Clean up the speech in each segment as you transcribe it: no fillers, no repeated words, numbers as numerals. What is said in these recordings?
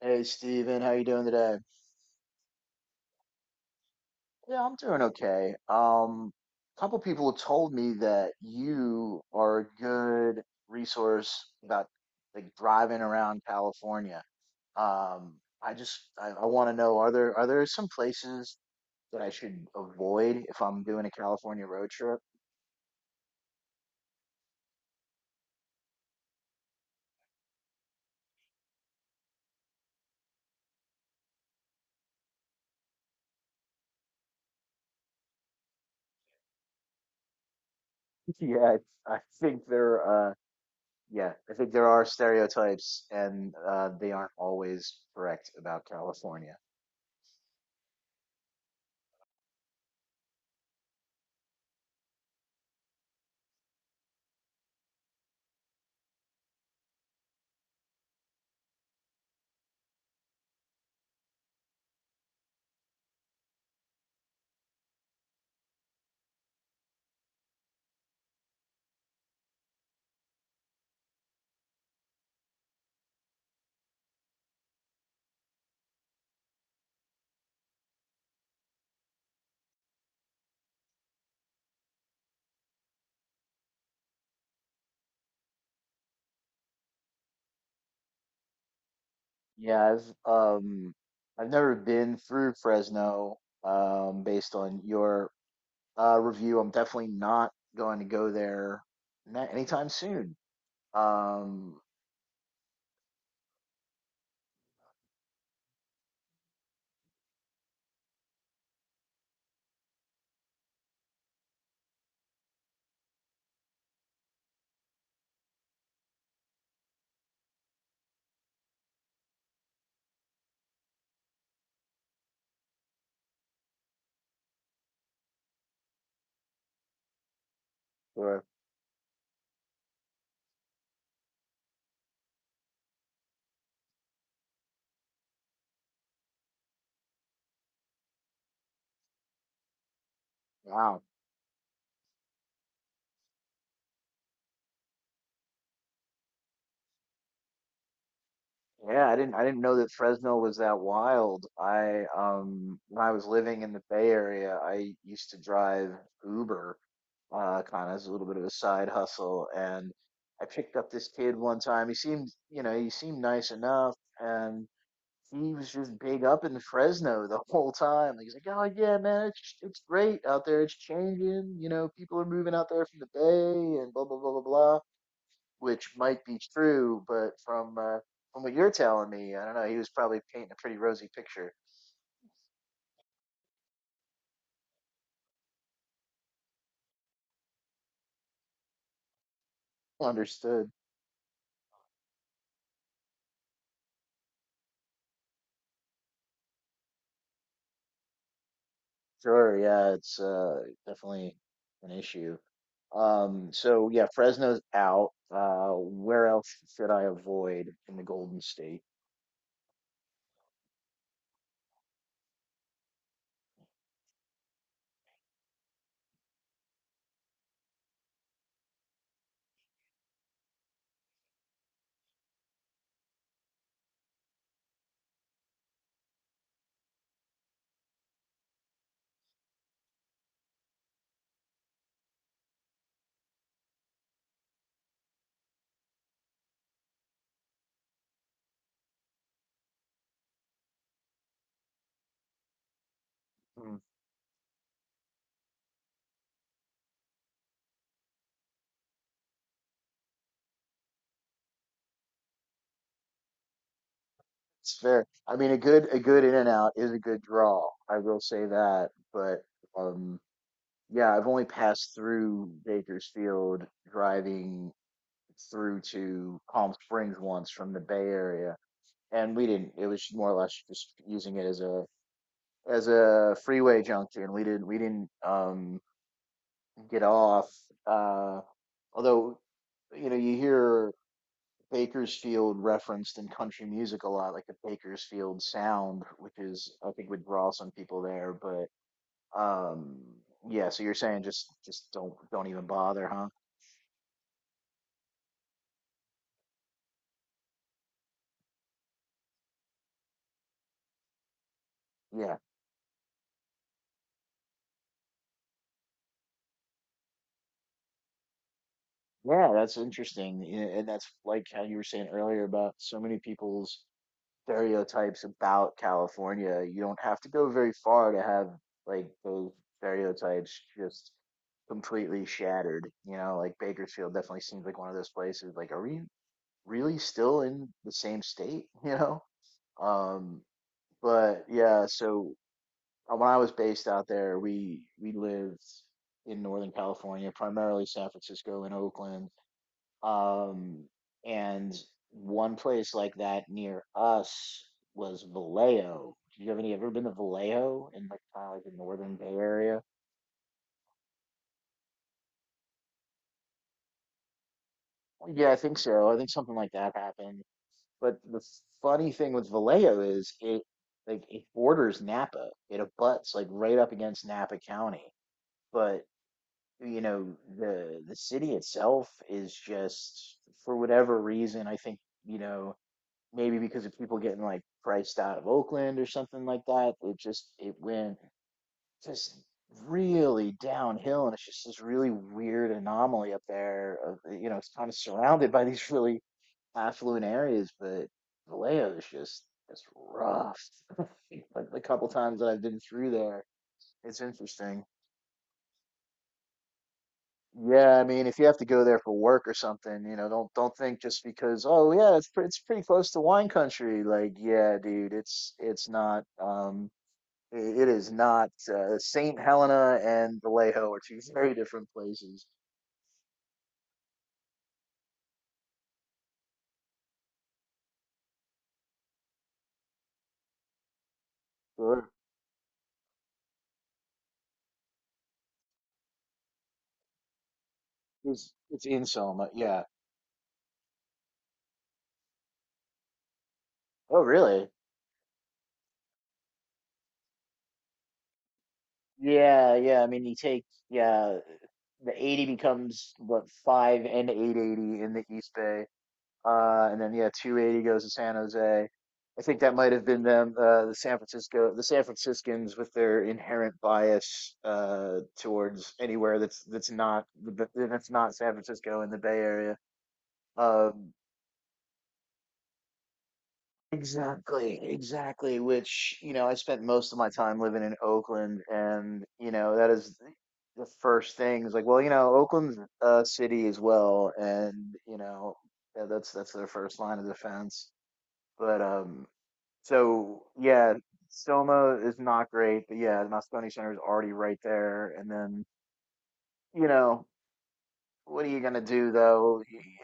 Hey Steven, how you doing today? Yeah, I'm doing okay. A couple people told me that you are a good resource about like driving around California. Um, I want to know are there some places that I should avoid if I'm doing a California road trip? Yeah, I think there uh yeah, I think there are stereotypes and they aren't always correct about California. Yeah, I've never been through Fresno. Based on your review, I'm definitely not going to go there anytime soon. Um, or Wow, yeah, I didn't know that Fresno was that wild. I When I was living in the Bay Area, I used to drive Uber, kind of as a little bit of a side hustle, and I picked up this kid one time. He seemed, you know, he seemed nice enough, and he was just big up in Fresno the whole time. Like he's like, oh yeah, man, it's great out there. It's changing. You know, people are moving out there from the Bay and blah blah blah blah blah, which might be true, but from what you're telling me, I don't know. He was probably painting a pretty rosy picture. Understood. Sure. Yeah, it's definitely an issue. So yeah, Fresno's out. Where else should I avoid in the Golden State? It's fair. I mean, a good in and out is a good draw. I will say that, but um, yeah, I've only passed through Bakersfield driving through to Palm Springs once from the Bay Area, and we didn't. It was more or less just using it as a freeway junction. We didn't get off. Uh, Although you know you hear Bakersfield referenced in country music a lot, like the Bakersfield sound, which is I think would draw some people there. But um, yeah, so you're saying just don't even bother, huh? Yeah, yeah, that's interesting, yeah, and that's like how you were saying earlier about so many people's stereotypes about California. You don't have to go very far to have like those stereotypes just completely shattered. You know, like Bakersfield definitely seems like one of those places. Like, are we really still in the same state, you know. Um, but yeah, so when I was based out there, we lived in Northern California, primarily San Francisco and Oakland. Um, and one place like that near us was Vallejo. Do you have any ever been to Vallejo in like kind of like the Northern Bay Area? Yeah, I think so. I think something like that happened. But the funny thing with Vallejo is it borders Napa. It abuts like right up against Napa County. But you know, the city itself is just for whatever reason, I think, you know, maybe because of people getting like priced out of Oakland or something like that, it went just really downhill and it's just this really weird anomaly up there of, you know, it's kind of surrounded by these really affluent areas, but Vallejo is just it's rough. Like the couple times that I've been through there, it's interesting. Yeah, I mean, if you have to go there for work or something, you know, don't think just because oh yeah, it's pretty close to wine country. Like yeah, dude, it's not. It is not. Saint Helena and Vallejo are two very different places. Sure. It's in Soma. Yeah. Oh really? Yeah. I mean, you take yeah, the 80 becomes what 5 and 880 in the East Bay. And then yeah, 280 goes to San Jose. I think that might have been them the San Franciscans with their inherent bias towards anywhere that's not San Francisco in the Bay Area. Um, Exactly, exactly. Which, you know, I spent most of my time living in Oakland, and, you know, the first thing is like, well, you know, Oakland's a city as well, and, you know, yeah, that's their first line of defense. But so yeah, Soma is not great, but yeah, the Moscone Center is already right there, and then, you know, what are you gonna do though?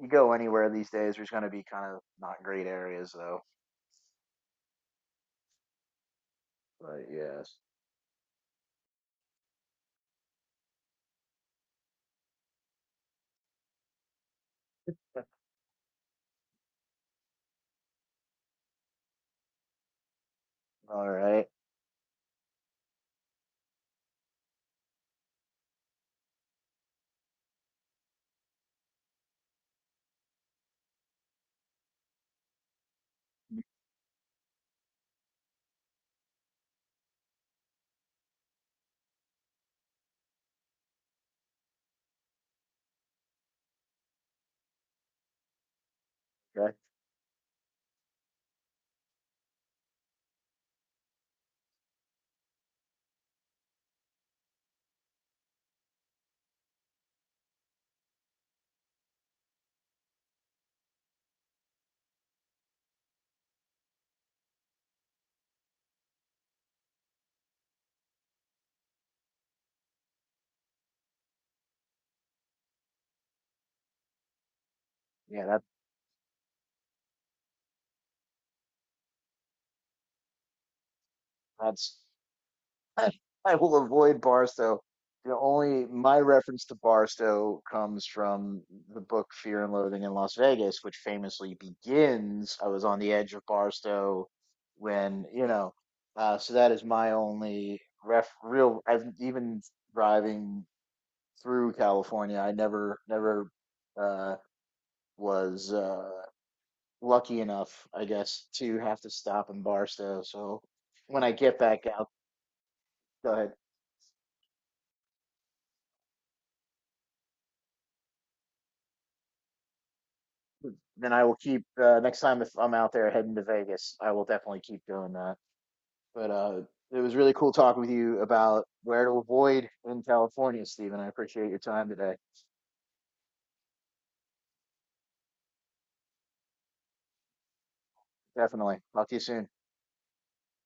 You go anywhere these days, there's gonna be kind of not great areas though. But yes. All right. Okay. Yeah, that's I will avoid Barstow. The only my reference to Barstow comes from the book Fear and Loathing in Las Vegas, which famously begins I was on the edge of Barstow when, you know, so that is my only ref real I've even driving through California, I never never uh was uh lucky enough, I guess, to have to stop in Barstow. So when I get back out go ahead. Then I will keep next time if I'm out there heading to Vegas, I will definitely keep doing that. But it was really cool talking with you about where to avoid in California, Stephen. I appreciate your time today. Definitely. Talk to you soon.